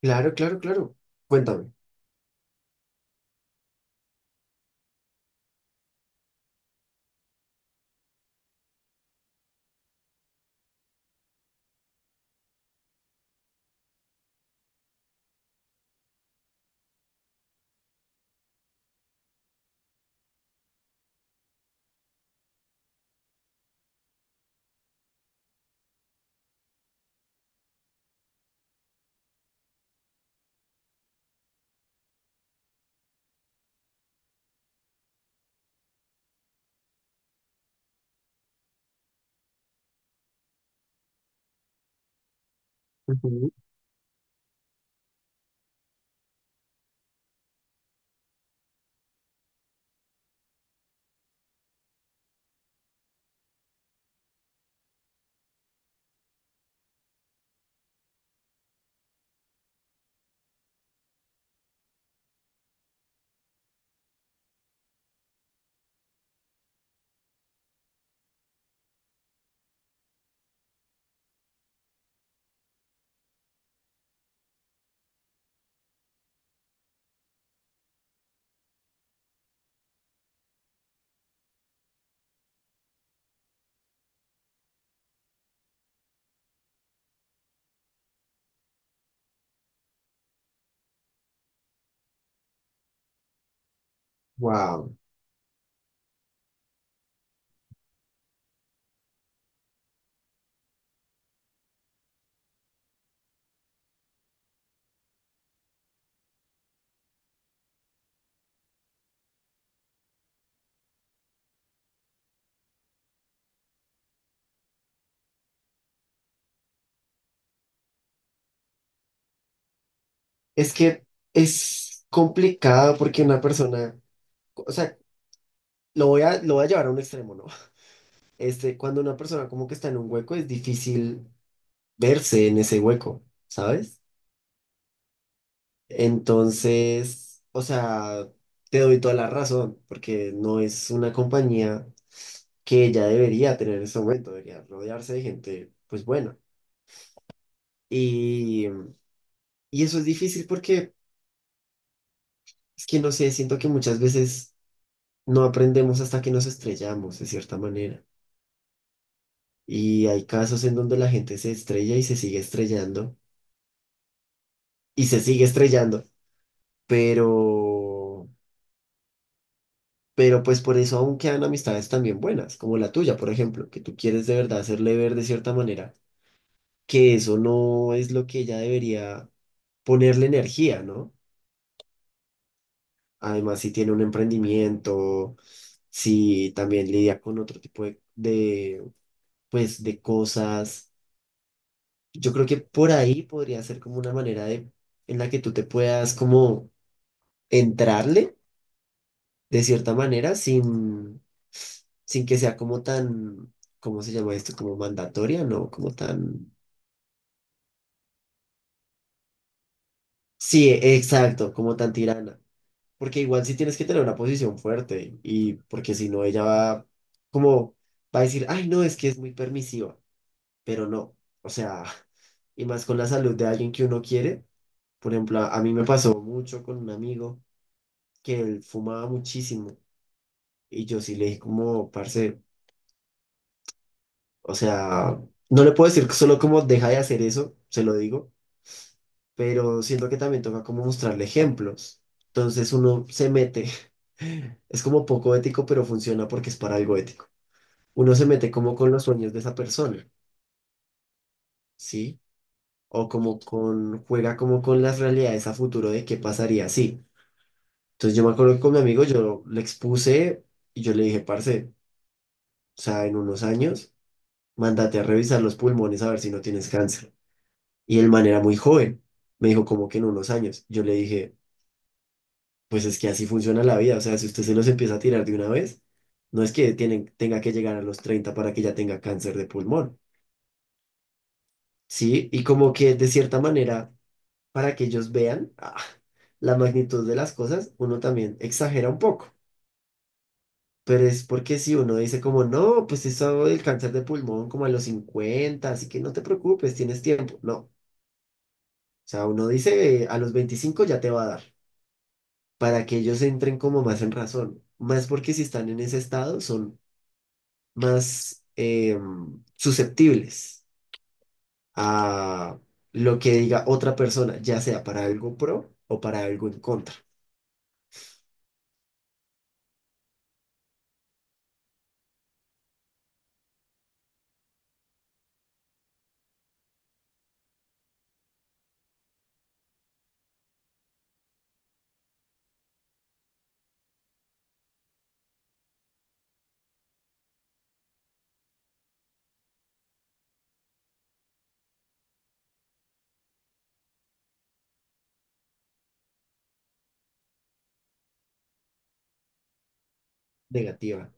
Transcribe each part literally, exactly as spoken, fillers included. Claro, claro, claro. Cuéntame. Wow. Es que es complicado porque una persona, o sea, lo voy a, lo voy a llevar a un extremo, ¿no? Este, cuando una persona como que está en un hueco, es difícil verse en ese hueco, ¿sabes? Entonces, o sea, te doy toda la razón, porque no es una compañía que ella debería tener en ese momento, debería rodearse de gente, pues buena. Y, y eso es difícil porque es que no sé, siento que muchas veces no aprendemos hasta que nos estrellamos, de cierta manera. Y hay casos en donde la gente se estrella y se sigue estrellando y se sigue estrellando, pero, pero pues por eso aún quedan amistades también buenas, como la tuya, por ejemplo, que tú quieres de verdad hacerle ver de cierta manera que eso no es lo que ella debería ponerle energía, ¿no? Además, si tiene un emprendimiento, si también lidia con otro tipo de, de, pues, de cosas. Yo creo que por ahí podría ser como una manera de, en la que tú te puedas como entrarle de cierta manera, sin, sin que sea como tan, ¿cómo se llama esto? Como mandatoria, ¿no? Como tan, sí, e- exacto, como tan tirana. Porque igual sí tienes que tener una posición fuerte, y porque si no ella va como, va a decir, ay, no, es que es muy permisiva, pero no, o sea, y más con la salud de alguien que uno quiere. Por ejemplo, a a mí me pasó mucho con un amigo que él fumaba muchísimo. Y yo sí le dije como, parce, o sea, no le puedo decir solo como deja de hacer eso, se lo digo, pero siento que también toca como mostrarle ejemplos. Entonces uno se mete, es como poco ético, pero funciona porque es para algo ético. Uno se mete como con los sueños de esa persona, ¿sí? O como con, juega como con las realidades a futuro de qué pasaría, sí. Entonces yo me acuerdo que con mi amigo yo le expuse y yo le dije, parce, o sea, en unos años mándate a revisar los pulmones a ver si no tienes cáncer. Y el man era muy joven, me dijo como que en unos años. Yo le dije, pues es que así funciona la vida, o sea, si usted se los empieza a tirar de una vez, no es que tienen, tenga que llegar a los treinta para que ya tenga cáncer de pulmón, ¿sí? Y como que de cierta manera, para que ellos vean ah, la magnitud de las cosas, uno también exagera un poco. Pero es porque si uno dice como, no, pues eso del cáncer de pulmón como a los cincuenta, así que no te preocupes, tienes tiempo. No, o sea, uno dice, eh, a los veinticinco ya te va a dar, para que ellos entren como más en razón, más porque si están en ese estado son más eh, susceptibles a lo que diga otra persona, ya sea para algo pro o para algo en contra, negativa.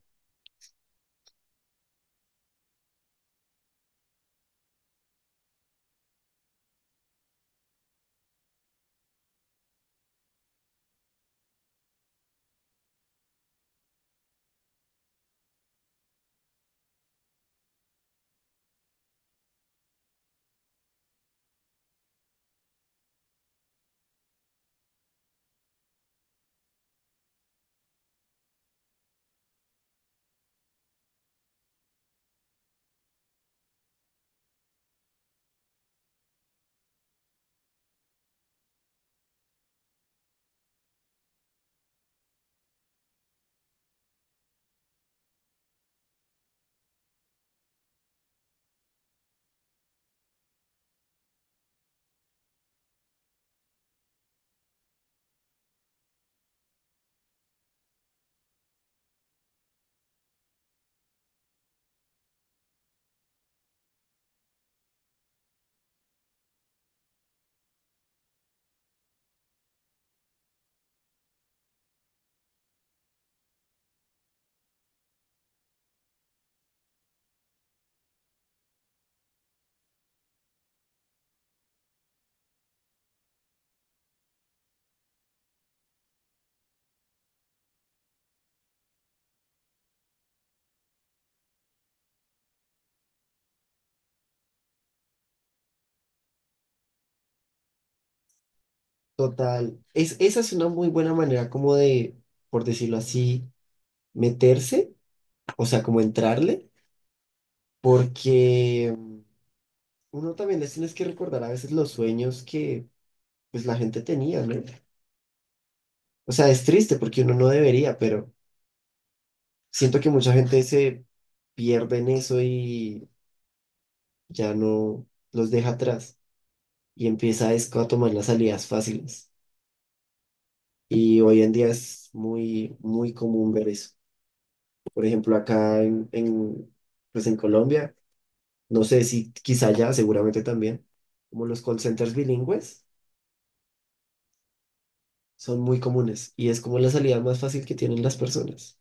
Total, es, esa es una muy buena manera como de, por decirlo así, meterse, o sea, como entrarle, porque mm, uno también les tienes que recordar a veces los sueños que pues la gente tenía, ¿no? O sea, es triste porque uno no debería, pero siento que mucha gente se pierde en eso y ya no los deja atrás y empieza es a tomar las salidas fáciles. Y hoy en día es muy, muy común ver eso. Por ejemplo, acá en, en, pues en Colombia, no sé si quizá ya, seguramente también, como los call centers bilingües son muy comunes y es como la salida más fácil que tienen las personas.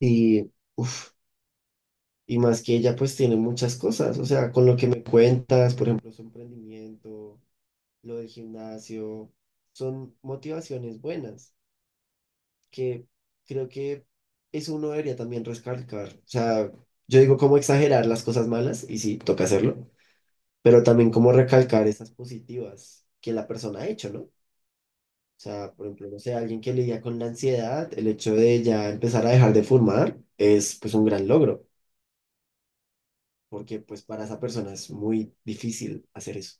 Y, uff. Y más que ella pues tiene muchas cosas, o sea, con lo que me cuentas, por ejemplo, su emprendimiento, lo del gimnasio, son motivaciones buenas que creo que eso uno debería también recalcar. O sea, yo digo cómo exagerar las cosas malas y sí, toca hacerlo, pero también cómo recalcar esas positivas que la persona ha hecho, ¿no? O sea, por ejemplo, no sé, alguien que lidia con la ansiedad, el hecho de ya empezar a dejar de fumar es pues un gran logro porque pues para esa persona es muy difícil hacer eso.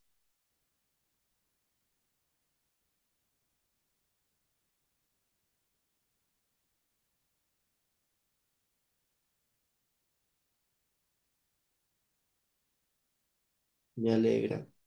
Me alegra, me